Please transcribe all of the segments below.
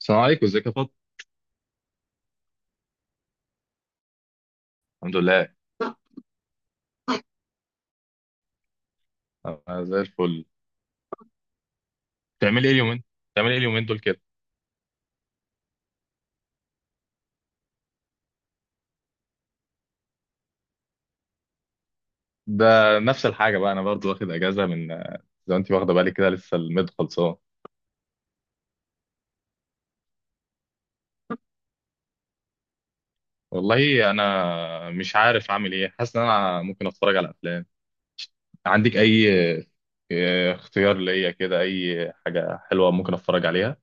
السلام عليكم، ازيك يا فاطمة؟ الحمد لله. انا زي الفل. بتعملي ايه اليومين بتعملي ايه اليومين دول كده؟ ده نفس الحاجه بقى، انا برضو واخد اجازه من، زي ما انت واخده بالك كده، لسه الميد خلصان. والله انا مش عارف اعمل ايه، حاسس ان انا ممكن اتفرج على افلام. عندك اي اه، اختيار ليا كده، اي حاجه حلوه ممكن اتفرج عليها.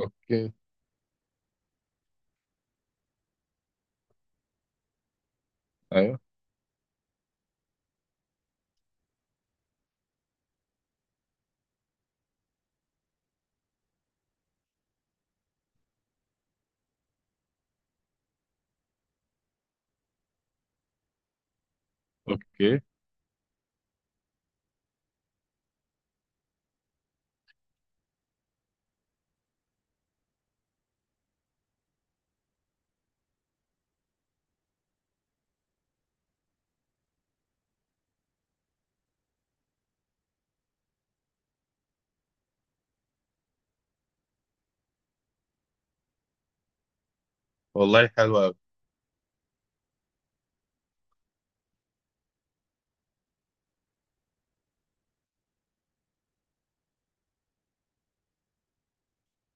اوكي. ايوه. اوكي، والله حلوه أوي.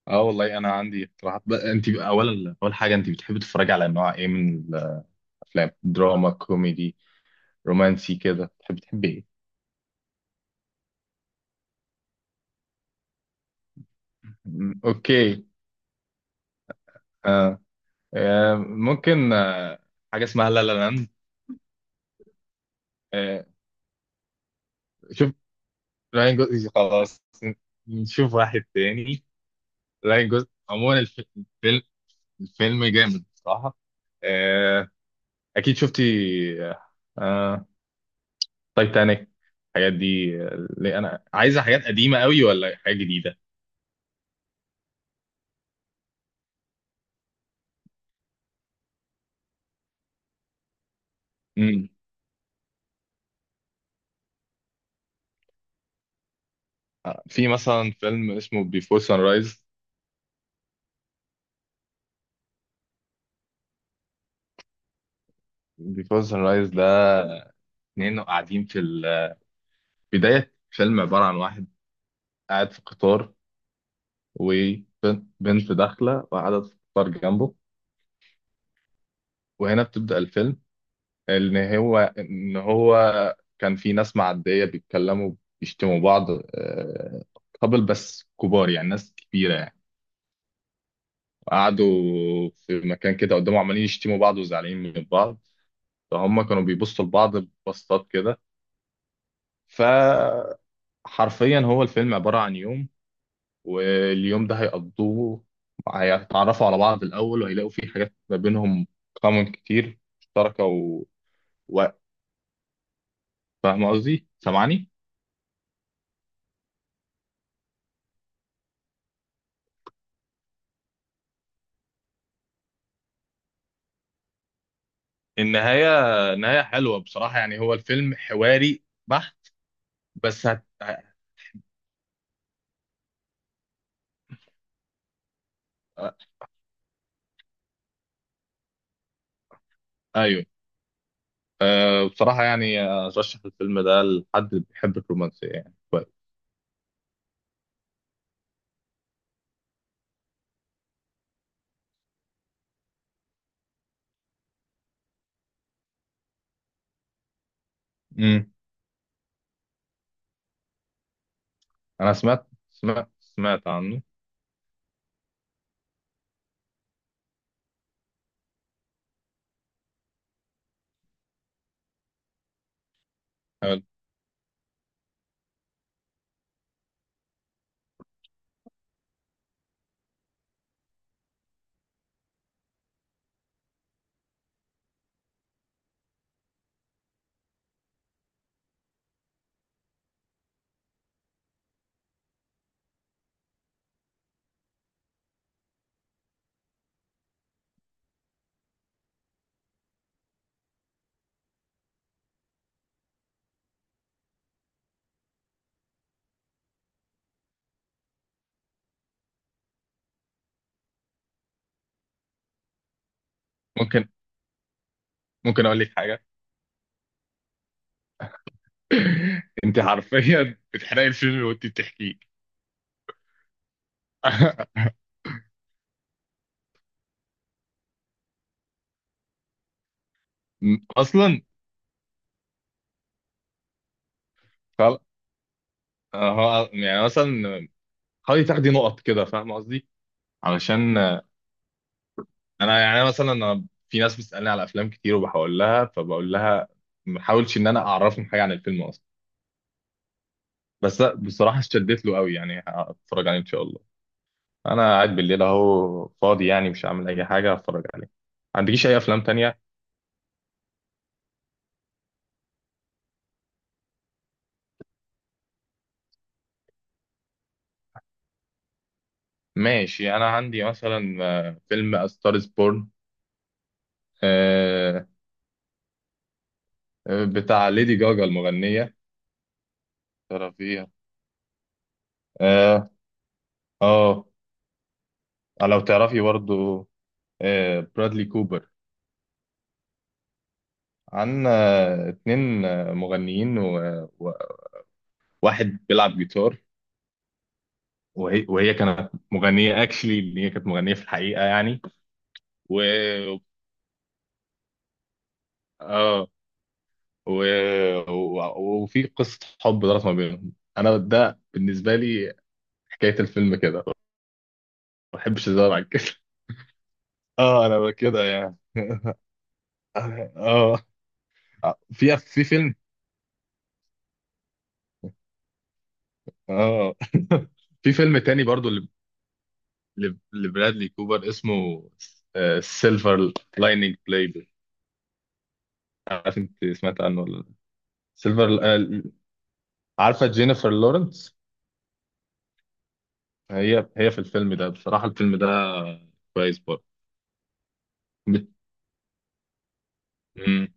اه، والله انا عندي اقتراحات بقى. انت اولا، اول حاجه، انت بتحبي تتفرجي على انواع ايه من الافلام؟ دراما، كوميدي، رومانسي كده، تحب ايه؟ اوكي. آه. آه. ممكن. آه، حاجه اسمها لا لا لاند. آه. شوف، راين جوزلينج، خلاص. نشوف واحد تاني. راين جوزلينج عموما الفيلم الفيلم جامد بصراحه. آه. اكيد شفتي. آه. آه، تايتانيك، الحاجات دي، اللي انا عايزه حاجات قديمه قوي ولا حاجه جديده؟ امم. في مثلا فيلم اسمه بيفور سان رايز. بيفور سان رايز ده، اتنين قاعدين في بداية فيلم عبارة عن واحد قاعد في قطار، وبنت داخلة وقاعدة في قطار جنبه، وهنا بتبدأ الفيلم. إن هو كان في ناس معدية بيتكلموا، بيشتموا بعض، قبل، بس كبار يعني، ناس كبيرة يعني. وقعدوا في مكان كده قدامه عمالين يشتموا بعض وزعلانين من بعض. فهم كانوا بيبصوا لبعض ببصات كده. فحرفيا هو الفيلم عبارة عن يوم، واليوم ده هيقضوه، هيتعرفوا على بعض الأول وهيلاقوا فيه حاجات ما بينهم كومن كتير مشتركة و... فاهم قصدي؟ سامعني؟ النهاية نهاية حلوة بصراحة، يعني هو الفيلم حواري بحت. بس هت... آه، أيوه. أه، بصراحة يعني أرشح الفيلم ده لحد اللي بيحب الرومانسية، يعني كويس. امم. أنا سمعت عنه. حلو. ممكن ممكن أقول لك حاجة. أنت حرفيا بتحرقي الفيلم وأنت بتحكيه. اصلا فعلا، هو يعني مثلا حاولي تاخدي نقط كده، فاهم قصدي؟ علشان، انا يعني مثلا، انا في ناس بتسالني على افلام كتير وبحاول لها، فبقول لها ما حاولش ان انا اعرفهم حاجه عن الفيلم اصلا. بس لأ، بصراحه اشتدت له قوي، يعني هتفرج عليه ان شاء الله. انا قاعد بالليل اهو فاضي، يعني مش هعمل اي حاجه، هتفرج عليه. ما عندكيش اي افلام تانية؟ ماشي، انا عندي مثلا، فيلم A Star is Born. آه، آه، بتاع ليدي جاجا المغنيه. ترى فيها. اه. اه. آه، لو تعرفي برضو، برادلي كوبر. عندنا اتنين، مغنيين وواحد بيلعب جيتار. وهي كانت مغنية اكشلي، اللي هي كانت مغنية في الحقيقة يعني. و اه. و... وفي قصة حب دارت ما بينهم. انا ده بالنسبة لي حكاية الفيلم كده، ما بحبش الزرع كده. اه، انا كده يعني. اه. في فيلم. اه. في فيلم تاني برضو، لبرادلي كوبر اسمه سيلفر لايننج بلاي. عارف انت سمعت عنه ولا لا؟ سيلفر عارفه جينيفر لورنس؟ هي في الفيلم ده، بصراحه الفيلم ده كويس برضه. بت- مم.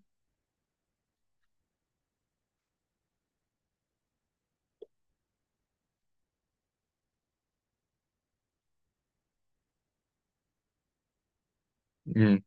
مم.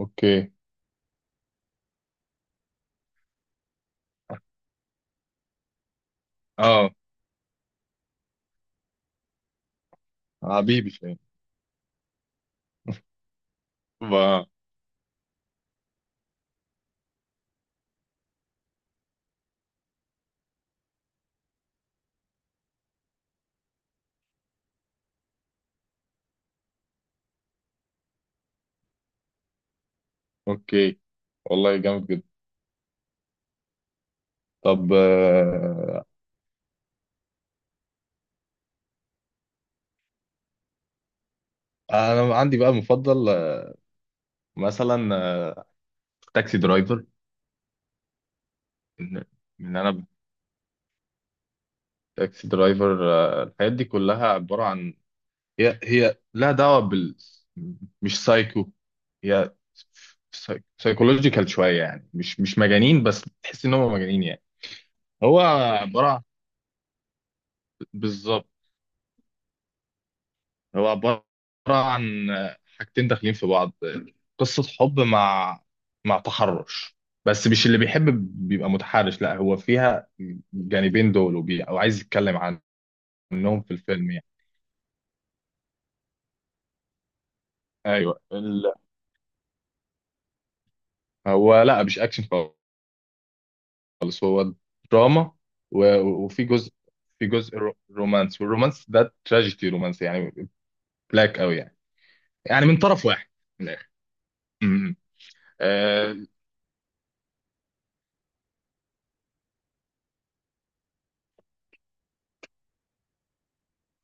اوكي. اه، حبيبي فاهم. ب- اوكي، والله جامد جدا. طب، انا عندي بقى مفضل، مثلا، تاكسي درايفر. ان انا تاكسي درايفر، الحاجات دي كلها عباره عن، هي لها دعوة مش سايكو، هي سايكولوجيكال شوية، يعني مش مجانين بس تحس ان هم مجانين يعني. هو عبارة عن بالظبط. هو عبارة عن حاجتين داخلين في بعض، قصة حب مع تحرش، بس مش اللي بيحب بيبقى متحرش، لا هو فيها جانبين دول، او عايز يتكلم عنهم في الفيلم يعني. ايوه هو لا، مش اكشن خالص، هو دراما. و- وفي جزء رومانس، والرومانس ده تراجيدي رومانس يعني، بلاك قوي يعني، يعني من طرف واحد، من الاخر. م- م. اه.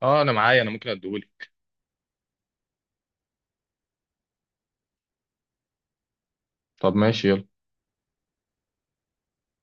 آه، انا معايا، انا ممكن اديهولك. طب، ماشي، يلا.